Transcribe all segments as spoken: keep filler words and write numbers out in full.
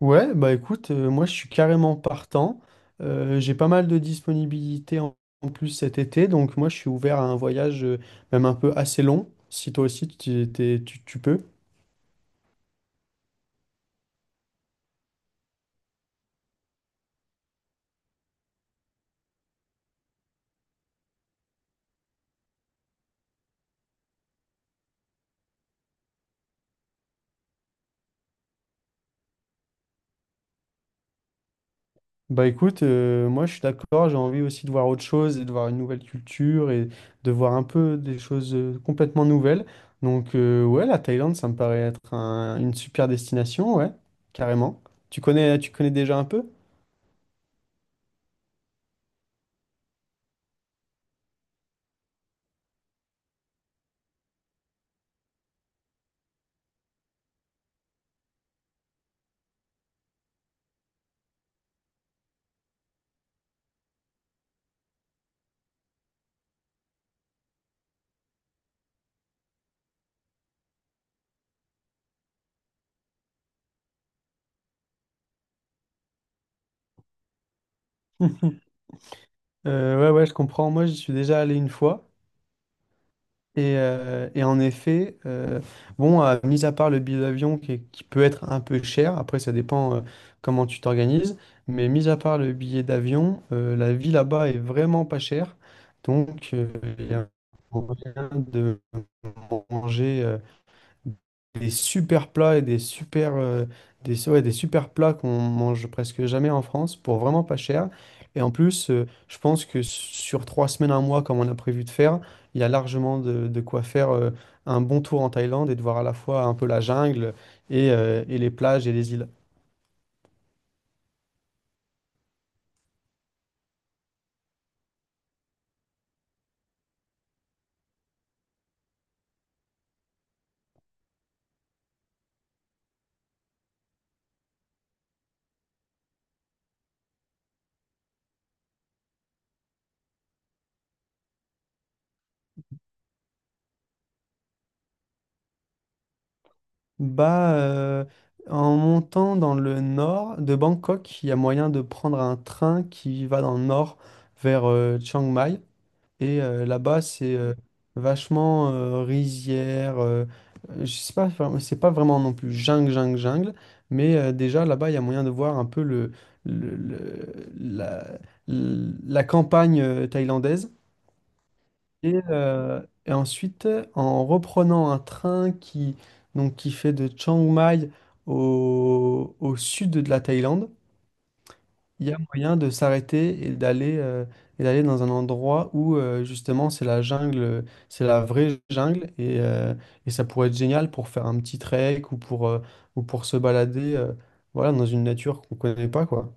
Ouais, bah écoute, euh, moi je suis carrément partant. Euh, j'ai pas mal de disponibilité en, en plus cet été, donc moi je suis ouvert à un voyage euh, même un peu assez long, si toi aussi tu, t'es- tu, tu peux. Bah écoute, euh, moi je suis d'accord, j'ai envie aussi de voir autre chose et de voir une nouvelle culture et de voir un peu des choses euh, complètement nouvelles. Donc euh, ouais, la Thaïlande, ça me paraît être un- une super destination, ouais, carrément. Tu connais, tu connais déjà un peu? Euh, ouais, ouais, je comprends. Moi, j'y suis déjà allé une fois. Et, euh, et en effet, euh, bon, euh, mis à part le billet d'avion qui, est- qui peut être un peu cher, après ça dépend euh, comment tu t'organises, mais mis à part le billet d'avion, euh, la vie là-bas est vraiment pas chère. Donc, euh, il y a moyen de manger. euh, des super plats et des super, euh, des, ouais, des super plats qu'on mange presque jamais en France pour vraiment pas cher. Et en plus, euh, je pense que sur trois semaines, un mois, comme on a prévu de faire, il y a largement de, de quoi faire euh, un bon tour en Thaïlande et de voir à la fois un peu la jungle et, euh, et les plages et les îles. Bah, euh, en montant dans le nord de Bangkok, il y a moyen de prendre un train qui va dans le nord vers euh, Chiang Mai. Et euh, là-bas, c'est euh, vachement euh, rizière. Euh, euh, je sais pas, vraiment- c'est pas vraiment non plus jungle, jungle, jungle. Mais euh, déjà, là-bas, il y a moyen de voir un peu le, le- le- la, la campagne euh, thaïlandaise. Et, euh, et ensuite, en reprenant un train qui, donc, qui fait de Chiang Mai au, au sud de la Thaïlande, il y a moyen de s'arrêter et d'aller euh, et d'aller dans un endroit où euh, justement c'est la jungle, c'est la vraie jungle et, euh, et ça pourrait être génial pour faire un petit trek ou pour, euh, ou pour se balader euh, voilà, dans une nature qu'on connaît pas quoi.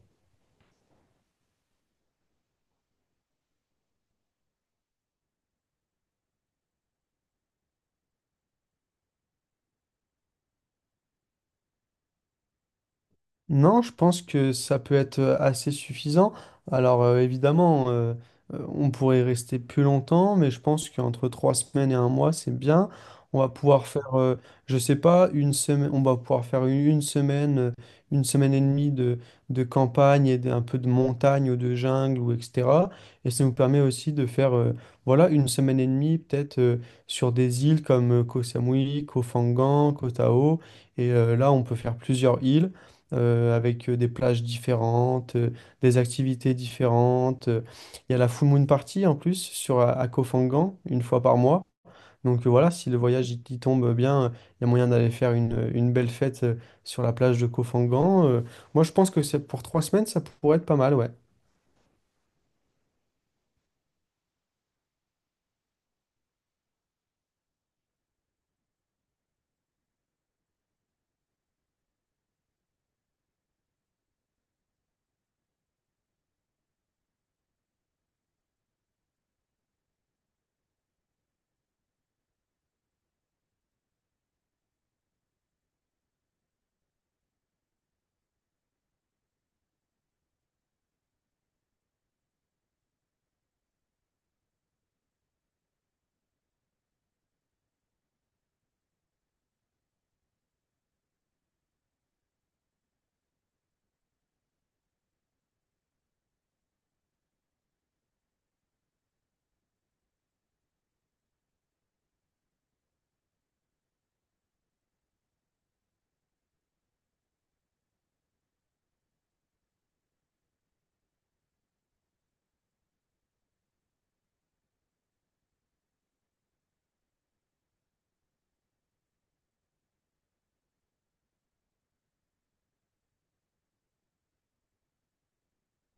Non, je pense que ça peut être euh, assez suffisant. Alors euh, évidemment, euh, euh, on pourrait rester plus longtemps, mais je pense qu'entre trois semaines et un mois, c'est bien. On va pouvoir faire, euh, je sais pas, une semaine, on va pouvoir faire une, une semaine, euh, une semaine et demie de, de campagne et d'un peu de montagne ou de jungle ou et cetera. Et ça nous permet aussi de faire, euh, voilà, une semaine et demie peut-être euh, sur des îles comme euh, Koh Samui, Koh Phangan, Koh Tao. Et euh, là, on peut faire plusieurs îles euh, avec euh, des plages différentes, euh, des activités différentes. euh. Il y a la Full Moon Party en plus sur, à, à Koh Phangan, une fois par mois. Donc euh, voilà, si le voyage il, il tombe bien, euh, il y a moyen d'aller faire une, euh, une belle fête euh, sur la plage de Koh Phangan. Euh, moi, je pense que c'est pour trois semaines, ça pourrait être pas mal, ouais.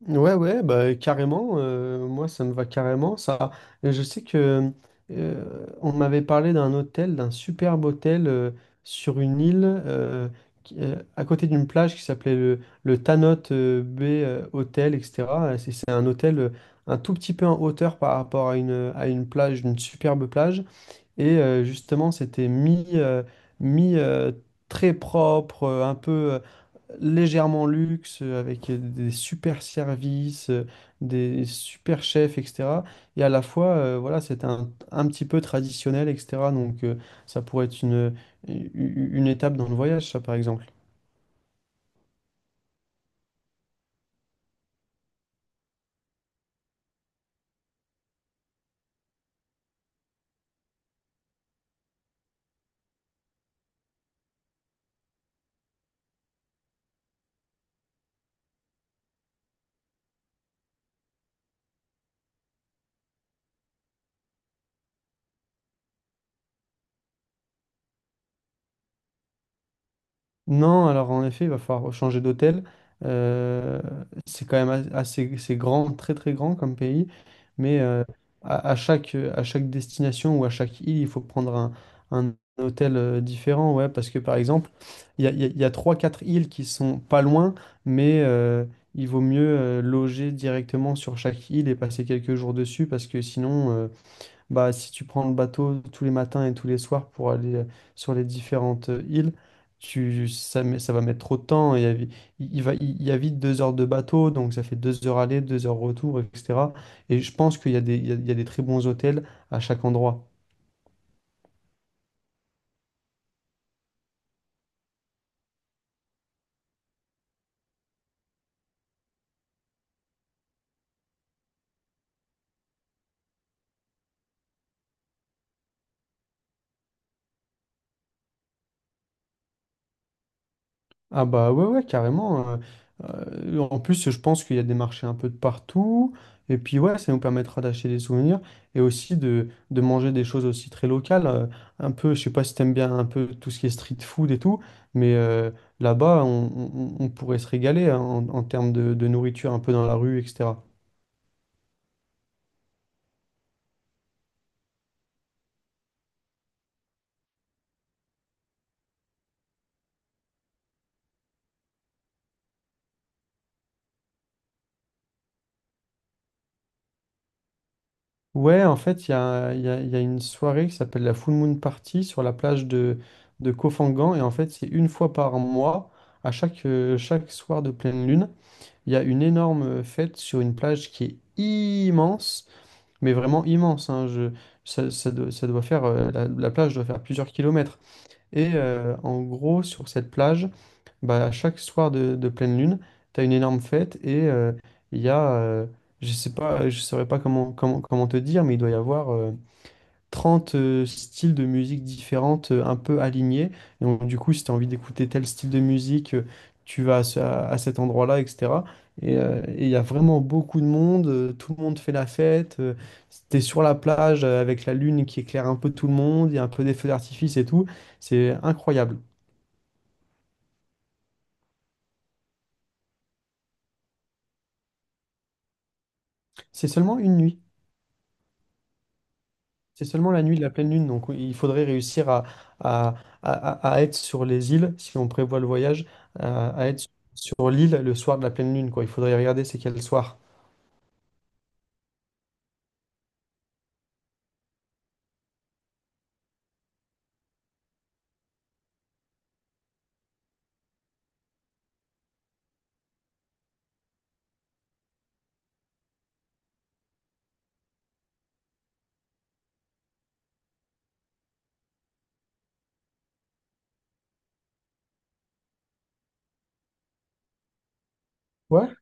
Ouais, ouais, bah, carrément. Euh, moi, ça me va carrément. Ça, Et je sais que euh, on m'avait parlé d'un hôtel, d'un superbe hôtel euh, sur une île euh, qui- euh, à côté d'une plage qui s'appelait le, le Tanot euh, Bay euh, Hotel, et cetera. C'est c'est un hôtel euh, un tout petit peu en hauteur par rapport à une, à une plage, une superbe plage. Et euh, justement, c'était mis, euh, mis euh, très propre, euh, un peu euh, légèrement luxe, euh, avec euh, des super services, euh, des super chefs, et cetera. Et à la fois, euh, voilà, c'était un, un petit peu traditionnel, et cetera. Donc, euh, ça pourrait être une, une une étape dans le voyage, ça, par exemple. Non, alors en effet, il va falloir changer d'hôtel. Euh, c'est quand même as- assez, c'est grand, très très grand comme pays, mais euh, à, à chaque, à chaque destination ou à chaque île, il faut prendre un, un hôtel euh, différent, ouais, parce que par exemple, il y a, il y a, il y a trois, quatre îles qui sont pas loin, mais euh, il vaut mieux euh, loger directement sur chaque île et passer quelques jours dessus, parce que sinon, euh, bah, si tu prends le bateau tous les matins et tous les soirs pour aller euh, sur les différentes euh, îles, tu, ça, met- ça va mettre trop de temps. Il y a, vi- il va, il y a vite deux heures de bateau, donc ça fait deux heures aller, deux heures retour, et cetera. Et je pense qu'il y a des, il y a il y a des très bons hôtels à chaque endroit. Ah bah ouais, ouais, carrément. Euh, euh, en plus, je pense qu'il y a des marchés un peu de partout. Et puis ouais, ça nous permettra d'acheter des souvenirs et aussi de, de manger des choses aussi très locales. Euh, un peu, je sais pas si t'aimes bien un peu tout ce qui est street food et tout, mais euh, là-bas, on, on- on pourrait se régaler hein, en, en termes de, de nourriture un peu dans la rue, et cetera. Ouais, en fait, il y a, il y a- il y a une soirée qui s'appelle la Full Moon Party sur la plage de, de Koh Phangan. Et en fait, c'est une fois par mois, à chaque, euh, chaque soir de pleine lune. Il y a une énorme euh, fête sur une plage qui est immense, mais vraiment immense. Hein, je- ça, ça doit, ça doit faire, euh, la, la plage doit faire plusieurs kilomètres. Et euh, en gros, sur cette plage, bah, à chaque soir de, de pleine lune, tu as une énorme fête et euh, il y a, euh, je sais pas, je saurais pas comment, comment, comment te dire, mais il doit y avoir euh, trente euh, styles de musique différentes euh, un peu alignés. Et donc, du coup, si tu as envie d'écouter tel style de musique, euh, tu vas à, ce- à- à cet endroit-là, et cetera. Et euh, et il y a vraiment beaucoup de monde, euh, tout le monde fait la fête. Euh, t'es sur la plage euh, avec la lune qui éclaire un peu tout le monde, il y a un peu des feux d'artifice et tout. C'est incroyable. C'est seulement une nuit. C'est seulement la nuit de la pleine lune, donc oui, il faudrait réussir à, à, à- à- à être sur les îles, si on prévoit le voyage, à, à être sur l'île le soir de la pleine lune, quoi. Il faudrait regarder c'est quel soir. Ouais.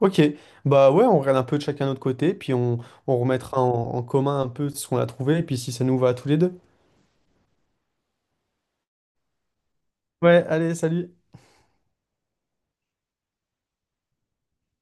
Ok, bah ouais, on regarde un peu de chacun notre côté, puis on, on remettra en, en commun un peu ce qu'on a trouvé, et puis si ça nous va à tous les deux. Ouais, allez, salut.